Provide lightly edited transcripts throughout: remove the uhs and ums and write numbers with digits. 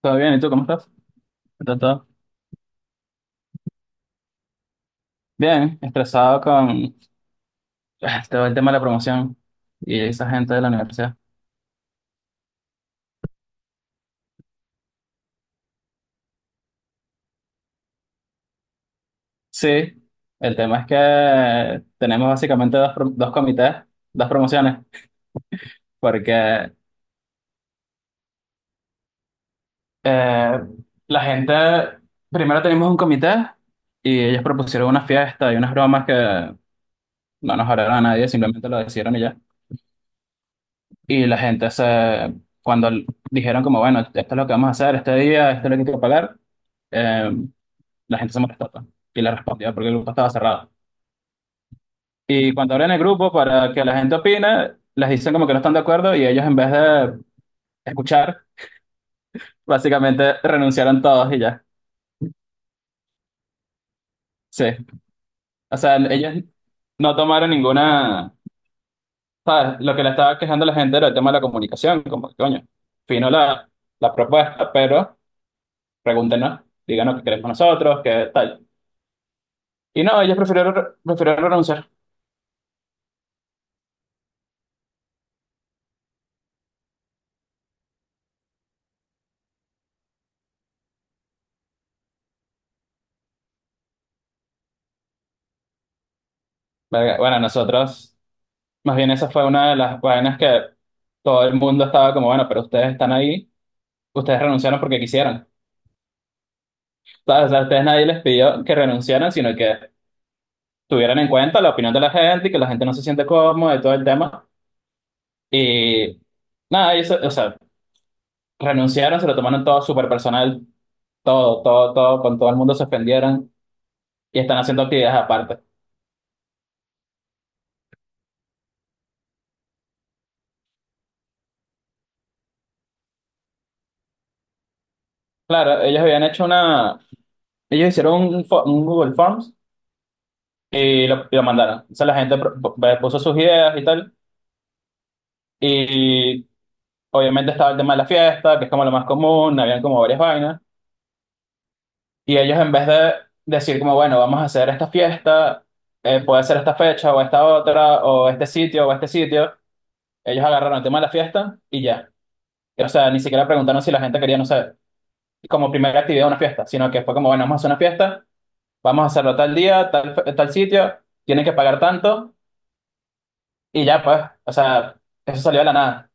¿Todo bien? ¿Y tú cómo estás? ¿Está todo bien? Estresado con todo el tema de la promoción y esa gente de la universidad. Sí, el tema es que tenemos básicamente dos, dos comités, dos promociones, porque eh, la gente, primero tenemos un comité y ellos propusieron una fiesta y unas bromas que no nos hablaron a nadie, simplemente lo decidieron y ya. Y la cuando dijeron como, bueno, esto es lo que vamos a hacer este día, esto es lo que hay que pagar. eh, la gente se molestó, pues, y la respondió porque el grupo estaba cerrado. Y cuando abren el grupo para que la gente opine, les dicen como que no están de acuerdo y ellos en vez de escuchar, básicamente renunciaron todos y ya. Sí, o sea, ellos no tomaron ninguna, ¿sabes? Lo que le estaba quejando a la gente era el tema de la comunicación, como que coño, fino la, la propuesta, pero pregúntenos, díganos qué queremos nosotros, qué tal. Y no, prefirieron renunciar. Verga, bueno, nosotros más bien esa fue una de las vainas que todo el mundo estaba como, bueno, pero ustedes están ahí, ustedes renunciaron porque quisieron. ¿Sabes? O sea, a ustedes nadie les pidió que renunciaran, sino que tuvieran en cuenta la opinión de la gente y que la gente no se siente cómoda y todo el tema. Y nada, y eso, o sea, renunciaron, se lo tomaron todo súper personal, todo, todo, todo, con todo el mundo se ofendieron y están haciendo actividades aparte. Claro, ellos habían hecho una, ellos hicieron un, un Google Forms y lo mandaron. O sea, la gente puso sus ideas y tal. Y obviamente estaba el tema de la fiesta, que es como lo más común, habían como varias vainas. Y ellos en vez de decir como, bueno, vamos a hacer esta fiesta, puede ser esta fecha o esta otra, o este sitio, ellos agarraron el tema de la fiesta y ya. O sea, ni siquiera preguntaron si la gente quería, no sé, como primera actividad una fiesta, sino que fue como, bueno, vamos a hacer una fiesta, vamos a hacerlo tal día, tal sitio, tienen que pagar tanto y ya pues, o sea, eso salió de la nada.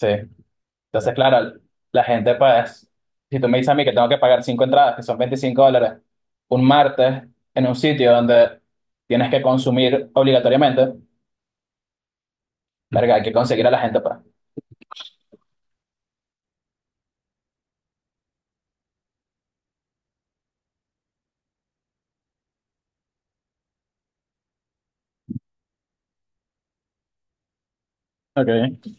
Sí. Entonces, claro, la gente, pues, si tú me dices a mí que tengo que pagar cinco entradas, que son 25 dólares, un martes en un sitio donde tienes que consumir obligatoriamente, verga, hay que conseguir a la gente, pues. Okay.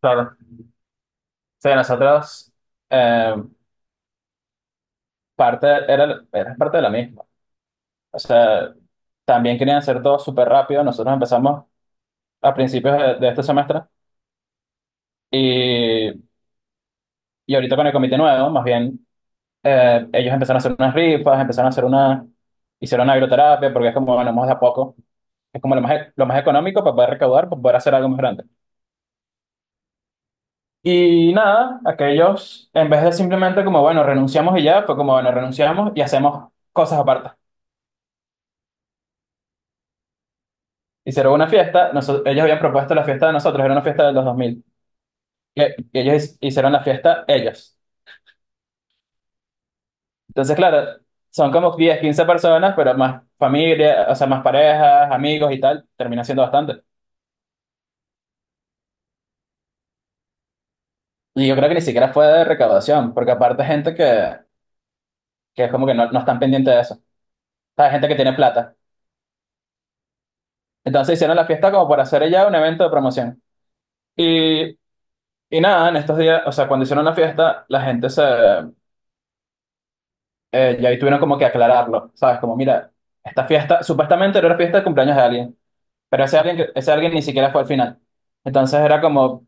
Claro. Sí, eh, era, era parte de la misma. O sea, también querían hacer todo súper rápido. Nosotros empezamos a principios de este semestre y, y ahorita con el comité nuevo, más bien. Ellos empezaron a hacer unas rifas, empezaron a hacer una, hicieron una agroterapia, porque es como, bueno, vamos de a poco, es como lo lo más económico para poder recaudar, para poder hacer algo más grande. Y nada, aquellos, en vez de simplemente como, bueno, renunciamos y ya, fue como, bueno, renunciamos y hacemos cosas aparte. Hicieron una fiesta, ellos habían propuesto la fiesta de nosotros, era una fiesta de los 2000, y ellos hicieron la fiesta ellos. Entonces, claro, son como 10 15 personas, pero más familia, o sea, más parejas, amigos y tal, termina siendo bastante. Y yo creo que ni siquiera fue de recaudación, porque aparte gente que es como que no, no están pendientes de eso. O sea, gente que tiene plata. Entonces hicieron la fiesta como por hacer ella un evento de promoción. Y, y nada, en estos días, o sea, cuando hicieron la fiesta, la gente se... ya ahí tuvieron como que aclararlo, ¿sabes? Como, mira, esta fiesta, supuestamente era una fiesta de cumpleaños de alguien, pero ese alguien, ese alguien ni siquiera fue al final. Entonces era como,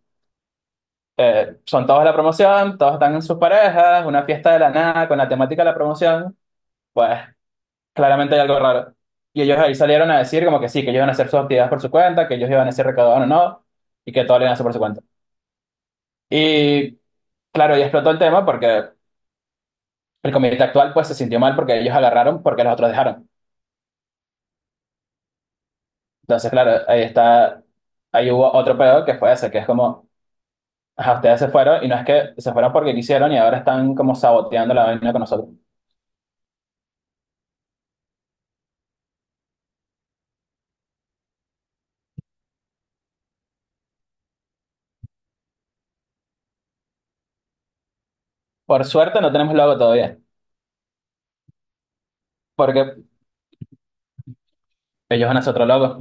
son todos de la promoción, todos están en sus parejas, una fiesta de la nada con la temática de la promoción. Pues claramente hay algo raro. Y ellos ahí salieron a decir como que sí, que ellos iban a hacer sus actividades por su cuenta, que ellos iban a ser recaudados o no, y que todo lo iban a hacer por su cuenta. Y claro, y explotó el tema porque el comité actual pues se sintió mal porque ellos agarraron porque los otros dejaron. Entonces, claro, ahí está, ahí hubo otro pedo que fue ese, que es como, ajá, ustedes se fueron y no es que se fueron porque quisieron y ahora están como saboteando la vaina con nosotros. Por suerte no tenemos logo todavía, porque ellos van a hacer otro logo.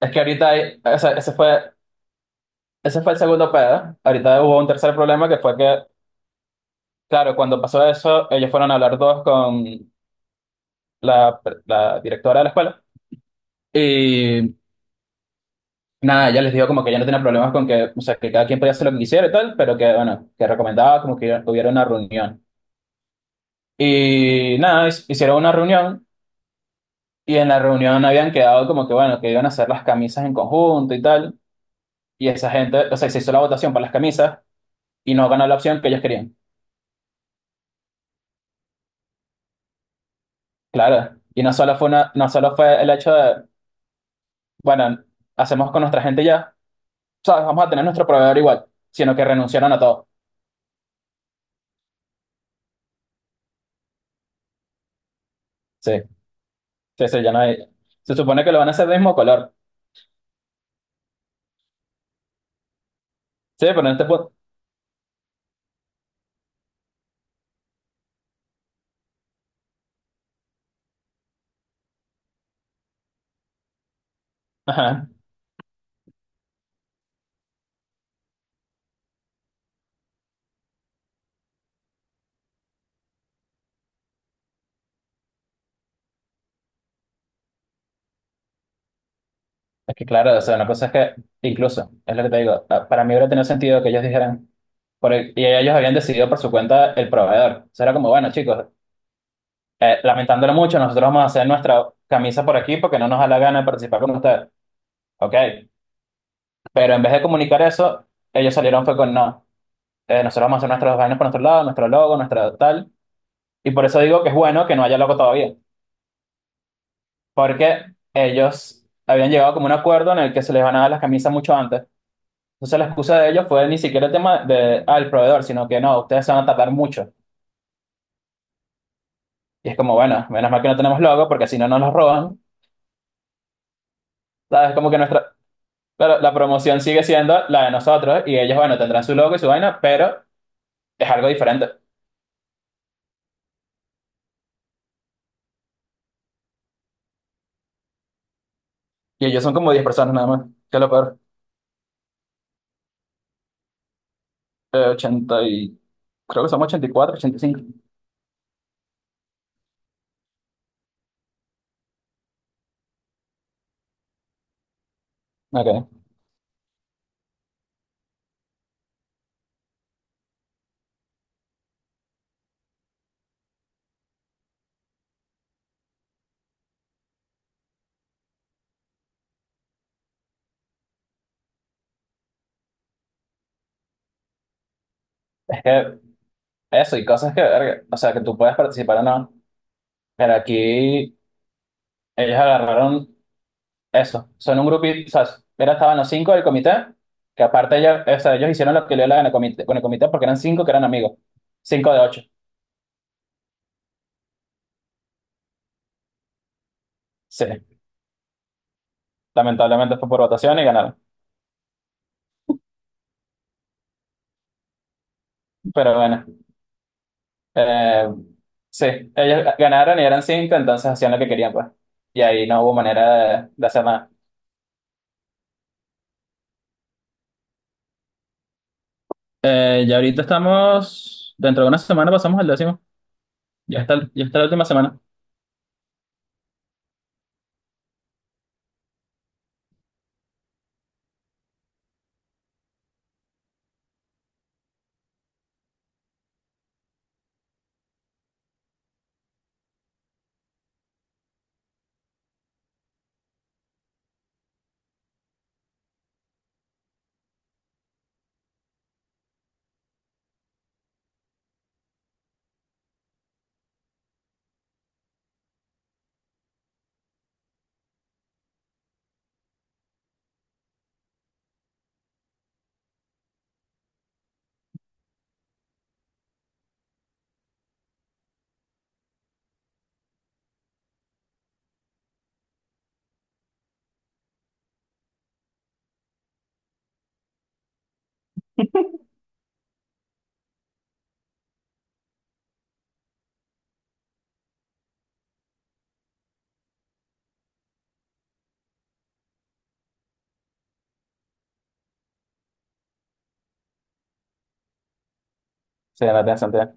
Es que ahorita, ese fue. Ese fue el segundo pedo. Ahorita hubo un tercer problema que fue que, claro, cuando pasó eso, ellos fueron a hablar todos con la, la directora de la escuela. Y nada, ella les dijo como que ella no tenía problemas con que, o sea, que cada quien podía hacer lo que quisiera y tal, pero que, bueno, que recomendaba como que hubiera una reunión. Y nada, hicieron una reunión y en la reunión habían quedado como que, bueno, que iban a hacer las camisas en conjunto y tal. Y esa gente, o sea, se hizo la votación para las camisas y no ganó la opción que ellos querían. Claro. Y no solo fue una, no solo fue el hecho de bueno, hacemos con nuestra gente ya, ¿sabes? Vamos a tener nuestro proveedor igual, sino que renunciaron a todo. Sí, sí, sí, ya no hay. Se supone que lo van a hacer del mismo color. Sí, pero en este punto. Ajá. Es que claro, o sea, una cosa es que, incluso, es lo que te digo, para mí hubiera tenido sentido que ellos dijeran, y ellos habían decidido por su cuenta el proveedor. O sea, era como, bueno, chicos, lamentándolo mucho, nosotros vamos a hacer nuestra camisa por aquí porque no nos da la gana de participar con ustedes. Ok. Pero en vez de comunicar eso, ellos salieron fue con no. Nosotros vamos a hacer nuestros vainas por nuestro lado, nuestro logo, nuestra tal. Y por eso digo que es bueno que no haya logo todavía, porque ellos habían llegado como un acuerdo en el que se les van a dar las camisas mucho antes. Entonces la excusa de ellos fue ni siquiera el tema al proveedor, sino que no, ustedes se van a tardar mucho. Y es como, bueno, menos mal que no tenemos logo, porque si no nos los roban. ¿Sabes? Claro, la promoción sigue siendo la de nosotros y ellos, bueno, tendrán su logo y su vaina, pero es algo diferente. Y ellos son como 10 personas nada más, que es lo peor. 80 y... Creo que somos ochenta ochenta y cuatro ochenta y cinco. Ok. Es que eso, y cosas que, verga, o sea, que tú puedes participar o no. Pero aquí ellos agarraron eso. Son un grupito, o sea, era estaban los cinco del comité, que aparte ellos, o sea, ellos hicieron lo que le daban el comité, con el comité porque eran cinco que eran amigos. Cinco de ocho. Sí, lamentablemente fue por votación y ganaron. Pero bueno, eh, sí, ellos ganaron y eran cinco, entonces hacían lo que querían, pues. Y ahí no hubo manera de hacer nada. Ya ahorita estamos, dentro de una semana pasamos al décimo. Ya está la última semana. Sí, la tía Santiago.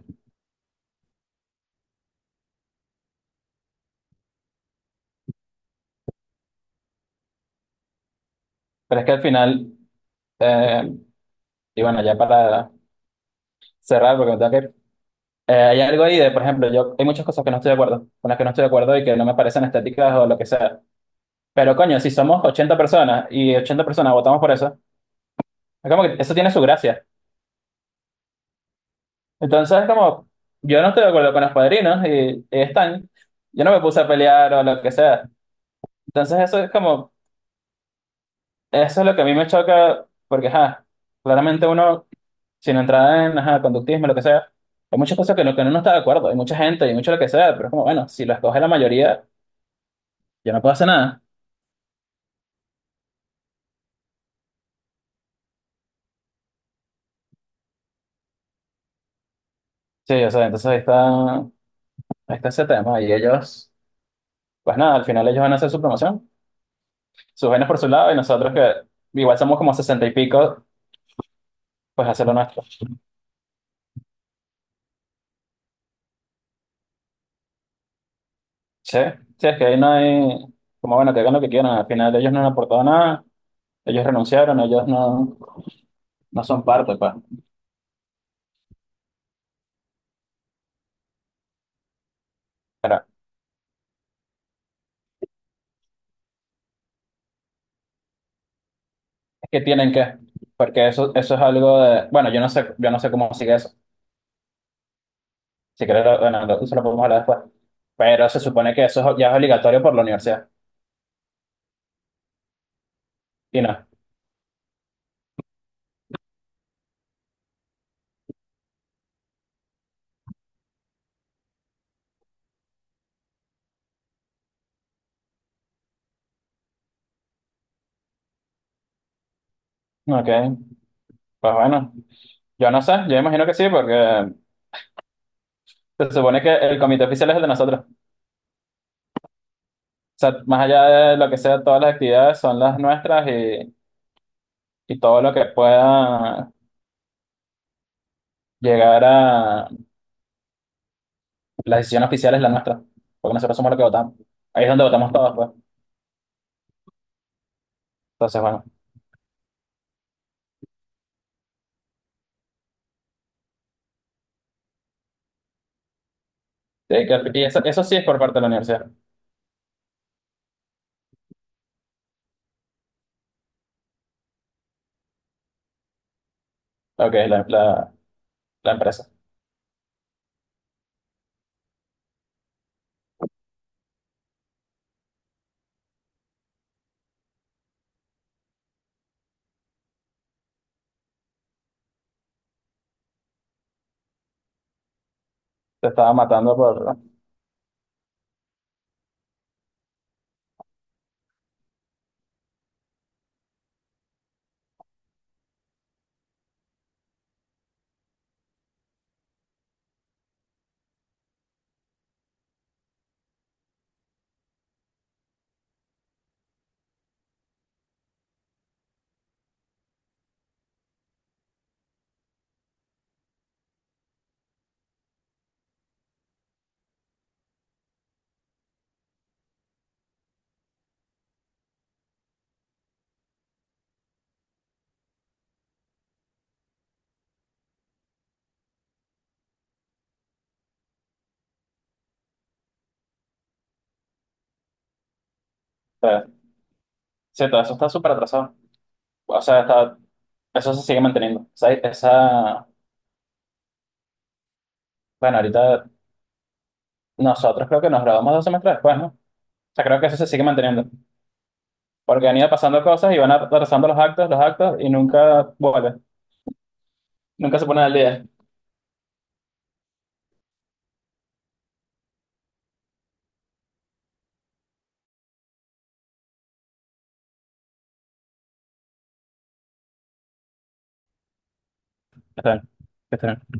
Pero es que al final, eh, y bueno, ya para cerrar, porque me tengo que ir, hay algo ahí de, por ejemplo, yo hay muchas cosas que no estoy de acuerdo, con las que no estoy de acuerdo y que no me parecen estéticas o lo que sea. Pero coño, si somos 80 personas y 80 personas votamos por eso, es como que eso tiene su gracia. Entonces, como yo no estoy de acuerdo con los padrinos y están, yo no me puse a pelear o lo que sea. Entonces, eso es como, eso es lo que a mí me choca, porque, ja, claramente uno. Sin entrar en ajá, conductismo, lo que sea, hay muchas cosas que, lo que uno no está de acuerdo, hay mucha gente y mucho lo que sea, pero es como, bueno, si lo escoge la mayoría, yo no puedo hacer nada. Sí, o sea, entonces ahí está ese tema. Pues nada, al final ellos van a hacer su promoción, sus vainas por su lado, y nosotros que igual somos como sesenta y pico, pues hacer lo nuestro. Sí, sí, es que ahí no hay, como bueno, que hagan lo que quieran, al final ellos no han aportado nada, ellos renunciaron, ellos no, no son parte, pues. Pero es que tienen que, porque eso es algo de, bueno, yo no sé cómo sigue eso. Si quieres, eso lo podemos hablar después. Pero se supone que eso es ya es obligatorio por la universidad. Y no. Ok. Pues bueno, yo no sé, yo imagino que sí, porque se supone que el comité oficial es el de nosotros. O sea, más allá de lo que sea, todas las actividades son las nuestras y todo lo que pueda llegar a la decisión oficial es la nuestra, porque nosotros somos los que votamos. Ahí es donde votamos todos, pues. Entonces, bueno. Sí, y eso sí es por parte de la universidad, lo que es la empresa. Se estaba matando por... o sea, sí, todo eso está súper atrasado. O sea, está, eso se sigue manteniendo. O sea, esa, bueno, ahorita nosotros creo que nos graduamos dos semestres después, ¿no? O sea, creo que eso se sigue manteniendo. Porque han ido pasando cosas y van atrasando los actos, y nunca vuelven. Nunca se ponen al día. Está bien, está bien.